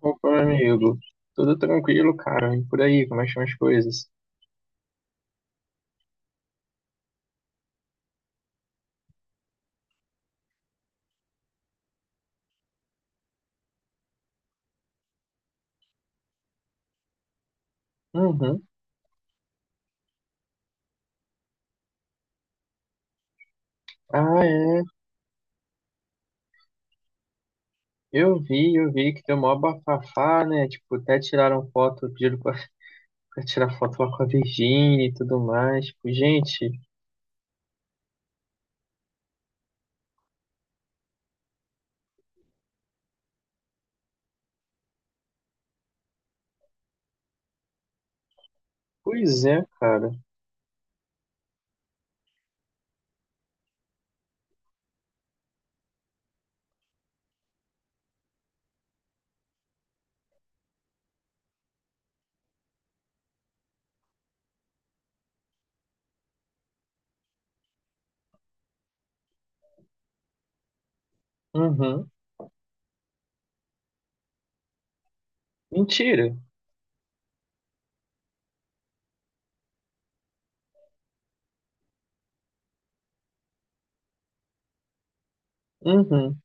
Opa, meu amigo. Tudo tranquilo, cara. E por aí, como é que estão as coisas? Uhum. Ah, é. Eu vi que deu mó bafafá, né? Tipo, até tiraram foto, pediram pra, pra tirar foto lá com a Virgínia e tudo mais. Tipo, gente, pois é, cara. Uhum. Mentira. Uhum.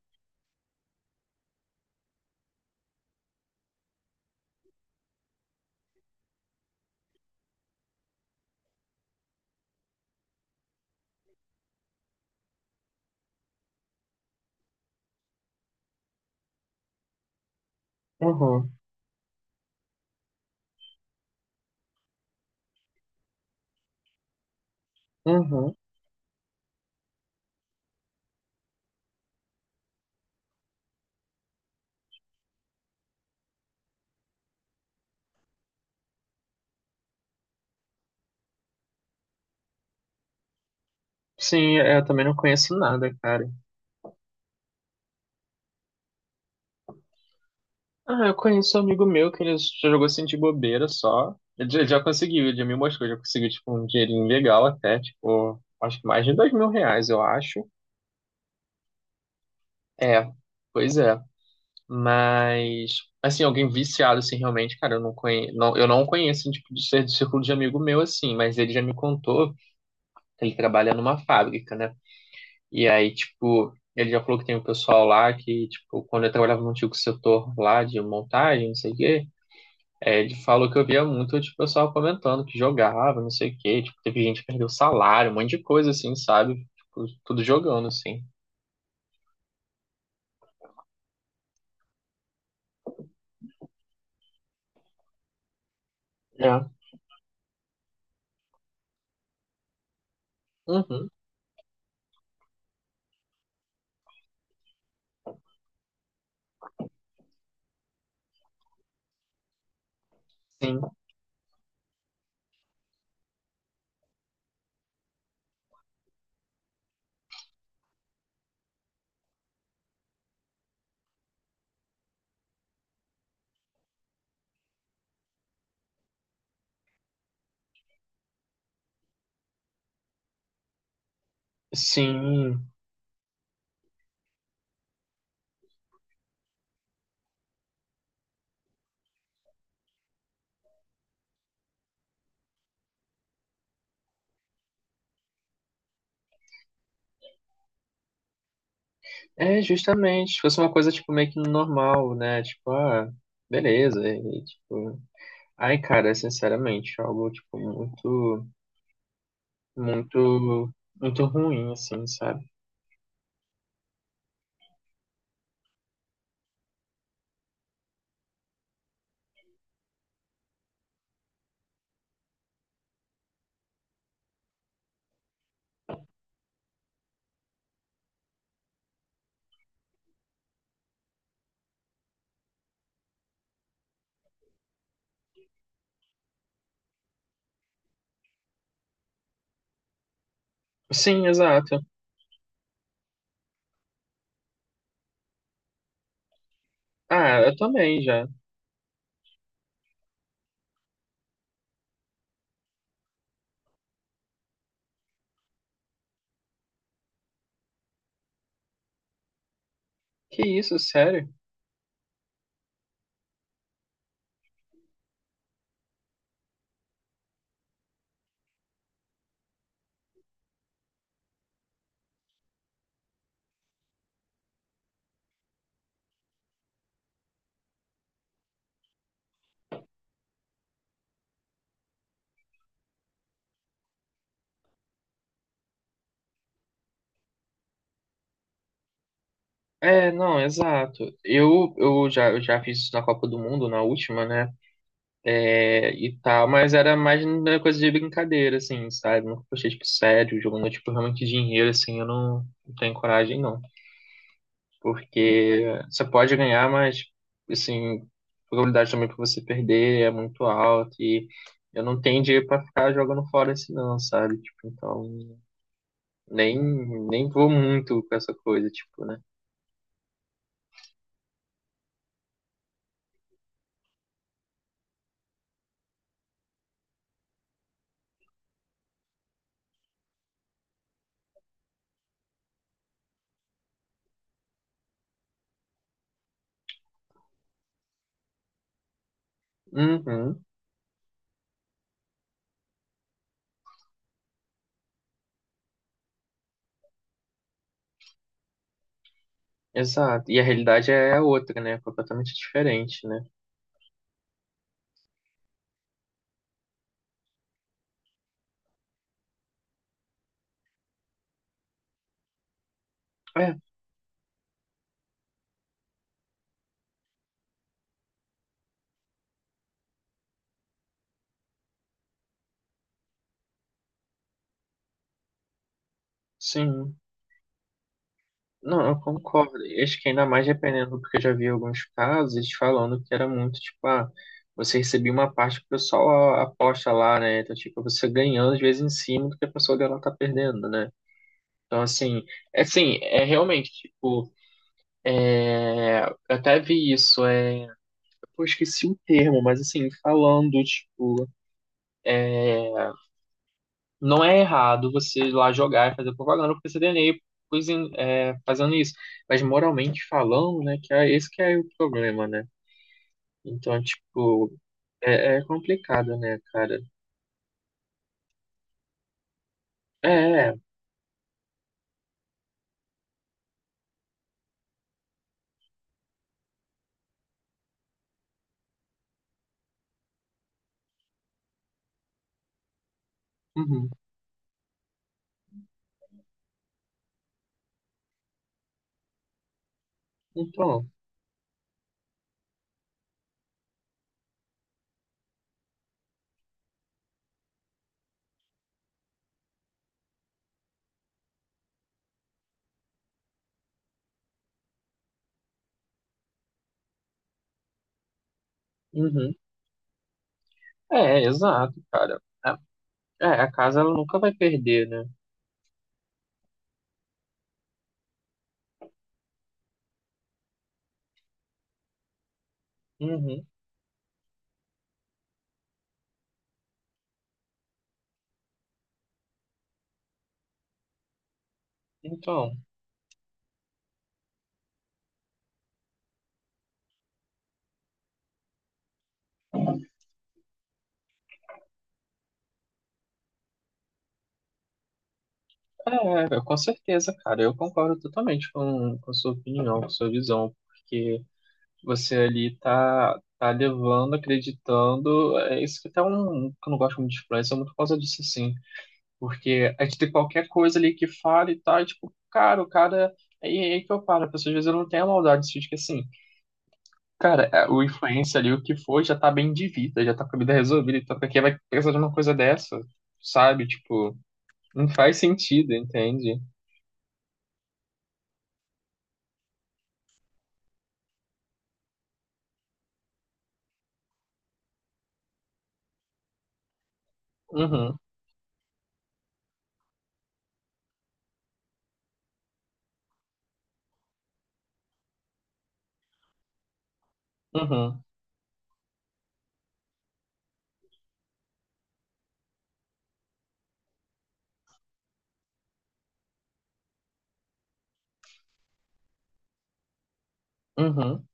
Uhum. Uhum. Sim, é, eu também não conheço nada, cara. Ah, eu conheço um amigo meu que ele já jogou assim de bobeira só. Ele já conseguiu, ele já me mostrou, já conseguiu tipo um dinheirinho legal até, tipo, acho que mais de dois mil reais, eu acho. É, pois é. Mas, assim, alguém viciado, assim, realmente, cara, eu não conheço, não, eu não conheço, assim, tipo, de ser do círculo de amigo meu, assim, mas ele já me contou que ele trabalha numa fábrica, né? E aí, tipo, ele já falou que tem um pessoal lá que, tipo, quando eu trabalhava no antigo setor lá de montagem, não sei o quê. É, ele falou que eu via muito, tipo, o pessoal comentando que jogava, não sei o quê. Tipo, teve gente que perdeu salário, um monte de coisa, assim, sabe? Tipo, tudo jogando, assim. É. Uhum. Sim. Sim. É, justamente. Se fosse uma coisa, tipo, meio que normal, né? Tipo, ah, beleza. E, tipo... Ai, cara, é sinceramente, algo, tipo, muito, muito, muito ruim, assim, sabe? Sim, exato. Ah, eu também já. Que isso, sério? É, não, exato. Eu já fiz isso na Copa do Mundo, na última, né? É, e tal, mas era mais uma coisa de brincadeira, assim, sabe? Nunca postei, tipo, sério, jogando, tipo, realmente dinheiro, assim, eu não, não tenho coragem, não. Porque você pode ganhar, mas, assim, a probabilidade também pra você perder é muito alta e eu não tenho dinheiro pra ficar jogando fora assim, não, sabe? Tipo, então, nem, nem vou muito com essa coisa, tipo, né? Uhum. Exato. E a realidade é outra, né? Completamente diferente, né? É, sim. Não, eu concordo. E acho que ainda mais dependendo, porque eu já vi alguns casos eles falando que era muito, tipo, ah, você recebia uma parte que o pessoal a- aposta lá, né? Então, tipo, você ganhando às vezes em cima do que a pessoa dela tá perdendo, né? Então, assim, é realmente, tipo, é, eu até vi isso, é, pô, esqueci o termo, mas assim, falando, tipo, não é errado você ir lá jogar e fazer propaganda pro PCDNE pois, é, fazendo isso. Mas moralmente falando, né, que é esse que é o problema, né? Então, tipo, é, é complicado, né, cara? É, é, uhum, então, uhum, é, exato, cara. É, é, a casa ela nunca vai perder, né? Uhum, então, é, é, com certeza, cara, eu concordo totalmente com a sua opinião, com a sua visão, porque você ali tá, tá levando, acreditando. É isso que até um que eu não gosto muito de influencer, é muito por causa disso, assim. Porque a gente tem qualquer coisa ali que fala e tal, e tipo, cara, o cara. Aí que eu paro, pessoas às vezes eu não tenho a maldade de que assim, cara, é, o influencer ali, o que for, já tá bem de vida, já tá com a vida resolvida, então pra que vai precisar de uma coisa dessa, sabe? Tipo, não faz sentido, entende? Uhum, uhum, uhum.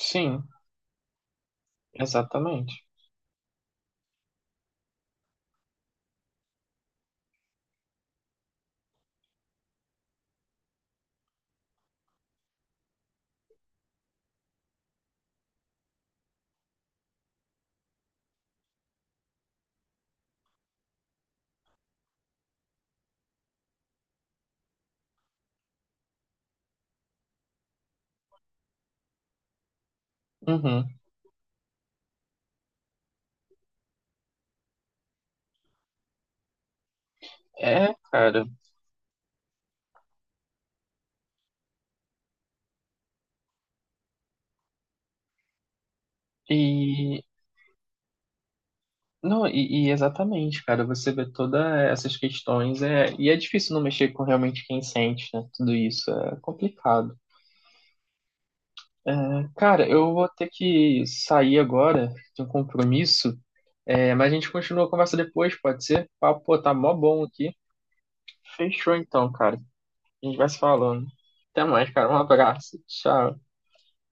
Sim, exatamente. Uhum. É, cara. E não, e exatamente, cara, você vê todas essas questões, é, e é difícil não mexer com realmente quem sente, né? Tudo isso é complicado. Cara, eu vou ter que sair agora, tenho um compromisso, é, mas a gente continua a conversa depois, pode ser? Papo, pô, tá mó bom aqui. Fechou então, cara. A gente vai se falando. Até mais, cara. Um abraço. Tchau.